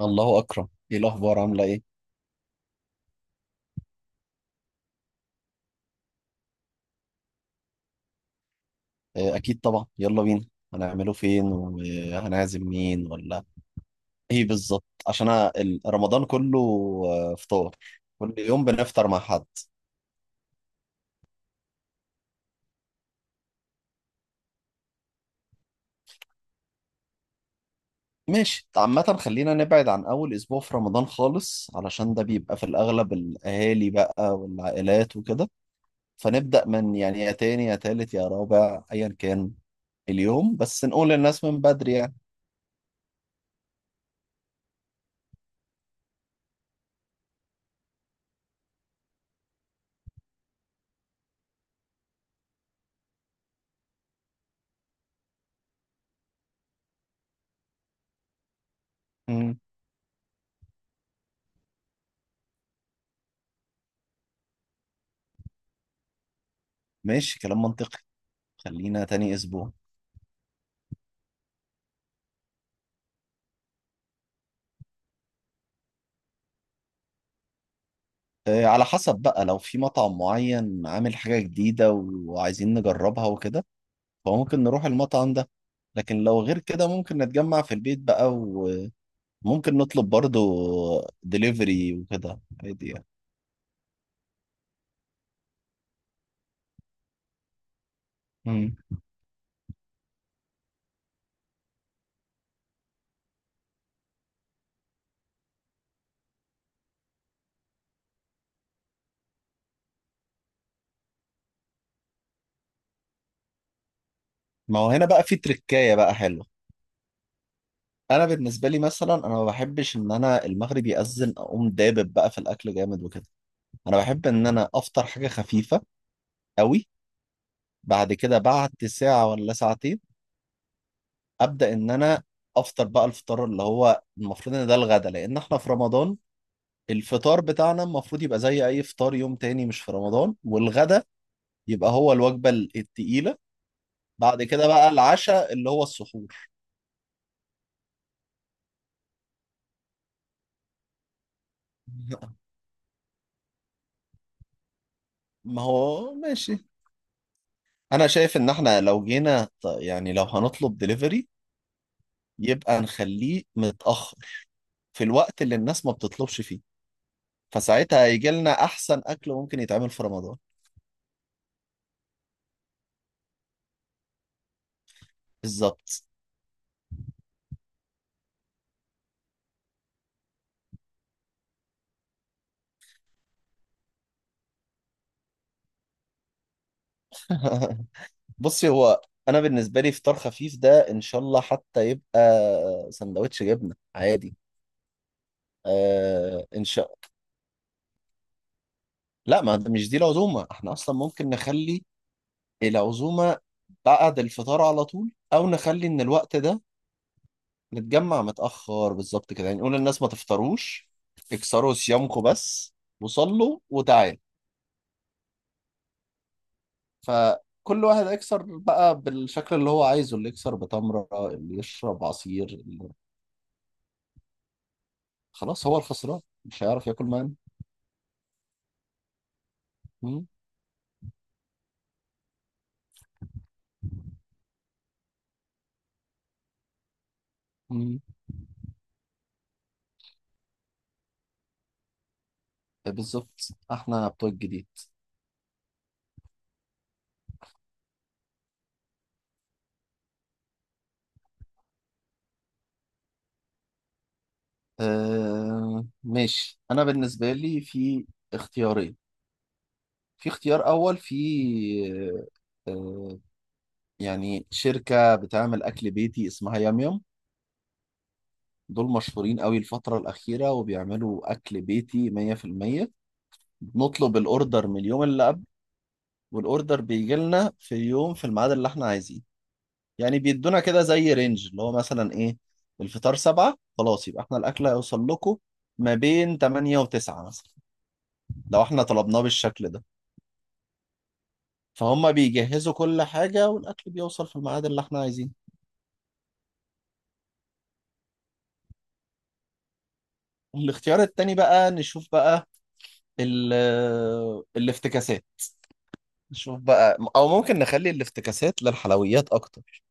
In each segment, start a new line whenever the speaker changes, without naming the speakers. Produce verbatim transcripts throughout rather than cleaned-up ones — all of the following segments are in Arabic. الله أكرم، إيه الأخبار؟ عاملة إيه؟ آه، أكيد طبعا، يلا بينا. هنعمله فين وهنعزم مين ولا إيه بالظبط؟ عشان أنا ال- رمضان كله آه، فطار، كل يوم بنفطر مع حد. ماشي، عامة خلينا نبعد عن أول أسبوع في رمضان خالص، علشان ده بيبقى في الأغلب الأهالي بقى والعائلات وكده. فنبدأ من يعني يا تاني يا تالت يا رابع أيا كان اليوم، بس نقول للناس من بدري يعني. مم. ماشي، كلام منطقي. خلينا تاني أسبوع. آه، على حسب بقى، لو في مطعم معين عامل حاجة جديدة وعايزين نجربها وكده، فممكن نروح المطعم ده. لكن لو غير كده، ممكن نتجمع في البيت بقى، وممكن نطلب برضو دليفري وكده عادي يعني. مم. ما هو هنا بقى في تركاية بقى حلوة. أنا بالنسبة لي مثلا، أنا ما بحبش إن أنا المغرب يأذن أقوم دابب بقى في الأكل جامد وكده. أنا بحب إن أنا أفطر حاجة خفيفة قوي، بعد كده بعد ساعة ولا ساعتين ابدا ان انا افطر بقى الفطار، اللي هو المفروض ان ده الغدا، لان احنا في رمضان. الفطار بتاعنا المفروض يبقى زي اي فطار يوم تاني مش في رمضان، والغدا يبقى هو الوجبه ال- التقيله. بعد كده بقى العشاء اللي هو السحور. ما هو ماشي. انا شايف ان احنا لو جينا ط- يعني لو هنطلب دليفري، يبقى نخليه متاخر في الوقت اللي الناس ما بتطلبش فيه. فساعتها هيجي لنا احسن اكل ممكن يتعمل في رمضان. بالظبط. بصي، هو انا بالنسبه لي فطار خفيف ده ان شاء الله حتى يبقى سندوتش جبنه عادي. آه ان شاء. لا، ما ده مش دي العزومه، احنا اصلا ممكن نخلي العزومه بعد الفطار على طول، او نخلي ان الوقت ده نتجمع متاخر بالظبط كده. يعني نقول للناس ما تفطروش، اكسروا صيامكم بس وصلوا وتعالوا. فكل واحد يكسر بقى بالشكل اللي هو عايزه، اللي يكسر بتمره، اللي يشرب عصير، اللي... خلاص، هو الخسران مش هيعرف ياكل معانا. مم. مم. بالظبط، احنا بتوع الجديد. آه ماشي، انا بالنسبه لي في اختيارين. في اختيار اول، في آه آه، يعني شركه بتعمل اكل بيتي اسمها يام يام. دول مشهورين قوي الفتره الاخيره وبيعملوا اكل بيتي مية في المية. بنطلب الاوردر من اليوم اللي قبل، والاوردر بيجي لنا في اليوم في الميعاد اللي احنا عايزينه. يعني بيدونا كده زي رينج اللي هو مثلا ايه، الفطار سبعة، خلاص يبقى احنا الاكل هيوصل لكم ما بين تمانية وتسعة مثلا. لو احنا طلبناه بالشكل ده، فهم بيجهزوا كل حاجة والاكل بيوصل في الميعاد اللي احنا عايزينه. الاختيار التاني بقى نشوف بقى ال آه، الافتكاسات. نشوف بقى، او ممكن نخلي الافتكاسات للحلويات اكتر.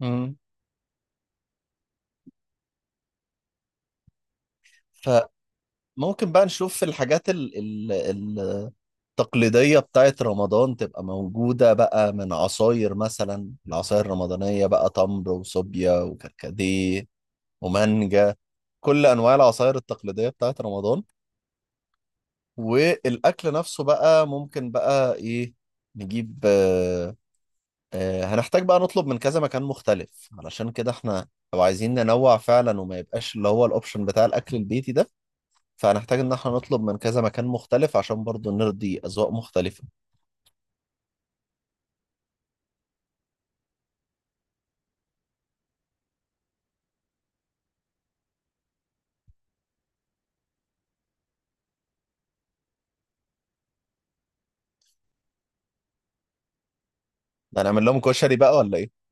مم. فممكن بقى نشوف الحاجات ال- ال- التقليدية بتاعت رمضان تبقى موجودة بقى، من عصاير مثلا، العصاير الرمضانية بقى، تمر وصوبيا وكركديه ومانجا، كل أنواع العصاير التقليدية بتاعت رمضان. والأكل نفسه بقى ممكن بقى إيه نجيب، آه آه هنحتاج بقى نطلب من كذا مكان مختلف، علشان كده إحنا لو عايزين ننوع فعلا وما يبقاش اللي هو الأوبشن بتاع الأكل البيتي ده، فهنحتاج إن إحنا نطلب من كذا مكان مختلف عشان برضو نرضي أذواق مختلفة. ده هنعمل لهم كشري بقى ولا إيه؟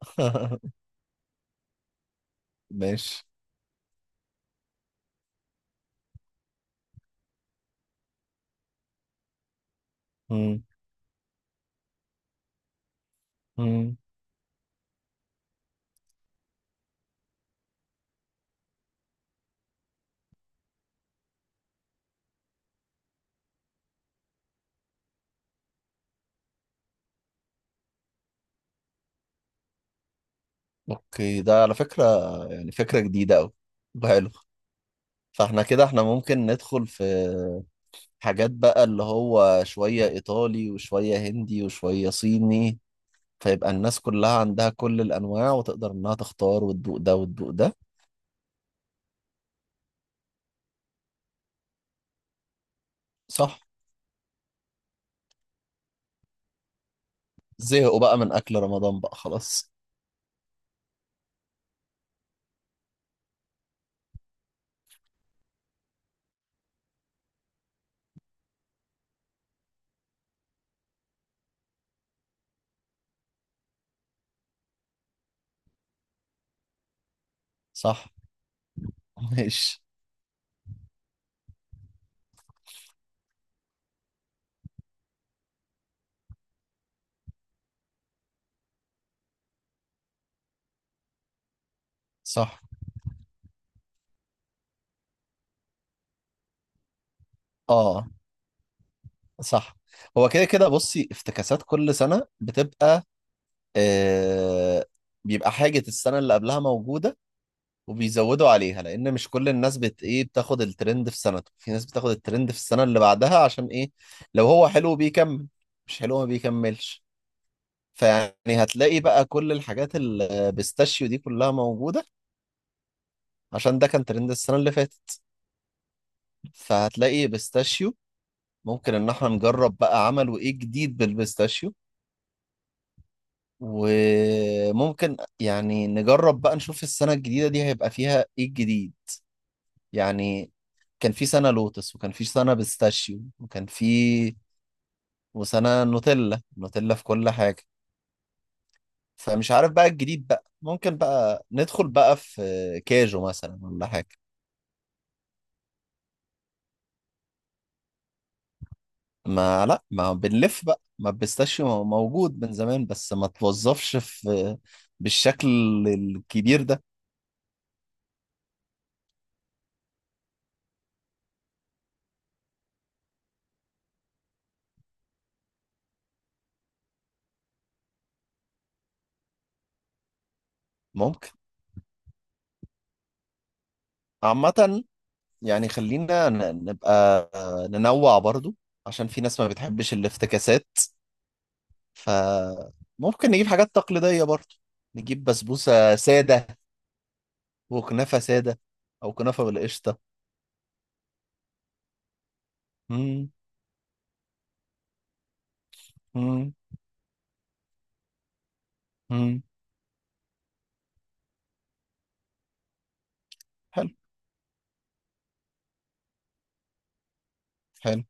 ماشي. مم. مم. اوكي، ده على فكرة يعني فكرة جديدة أوي وحلو. فاحنا كده احنا ممكن ندخل في حاجات بقى، اللي هو شوية إيطالي وشوية هندي وشوية صيني، فيبقى الناس كلها عندها كل الأنواع وتقدر إنها تختار وتدوق ده وتدوق ده. صح. زهقوا بقى من أكل رمضان بقى خلاص. صح. ماشي. صح. اه، صح. هو كده كده، بصي افتكاسات كل سنة بتبقى آه، بيبقى حاجة السنة اللي قبلها موجودة، وبيزودوا عليها لأن مش كل الناس بت إيه بتاخد الترند في سنته، في ناس بتاخد الترند في السنة اللي بعدها، عشان إيه؟ لو هو حلو بيكمل، مش حلو ما بيكملش. فيعني هتلاقي بقى كل الحاجات البيستاشيو دي كلها موجودة، عشان ده كان ترند السنة اللي فاتت. فهتلاقي بيستاشيو. ممكن إن احنا نجرب بقى عملوا إيه جديد بالبيستاشيو. وممكن يعني نجرب بقى نشوف السنة الجديدة دي هيبقى فيها إيه الجديد. يعني كان في سنة لوتس، وكان في سنة بيستاشيو، وكان في وسنة نوتيلا. نوتيلا في كل حاجة. فمش عارف بقى الجديد بقى، ممكن بقى ندخل بقى في كاجو مثلا ولا حاجة. ما لا، ما بنلف بقى، ما البيستاشيو موجود من زمان بس ما توظفش في بالشكل الكبير ده. ممكن. عامة يعني خلينا ن- نبقى ننوع برضو، عشان في ناس ما بتحبش الافتكاسات. فممكن نجيب حاجات تقليدية برضه. نجيب بسبوسة سادة وكنافة سادة أو كنافة بالقشطة. مم، مم، مم. حلو، حلو.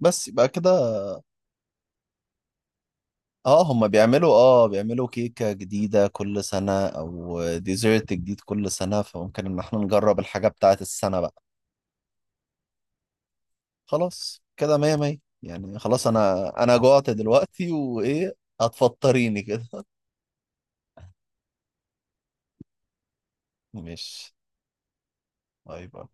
بس يبقى كده. اه، هما بيعملوا اه بيعملوا كيكة جديدة كل سنة أو ديزرت جديد كل سنة، فممكن إن احنا نجرب الحاجة بتاعة السنة بقى. خلاص كده مية مية يعني، خلاص أنا أنا جوعت دلوقتي وإيه. هتفطريني كده. مش. طيب.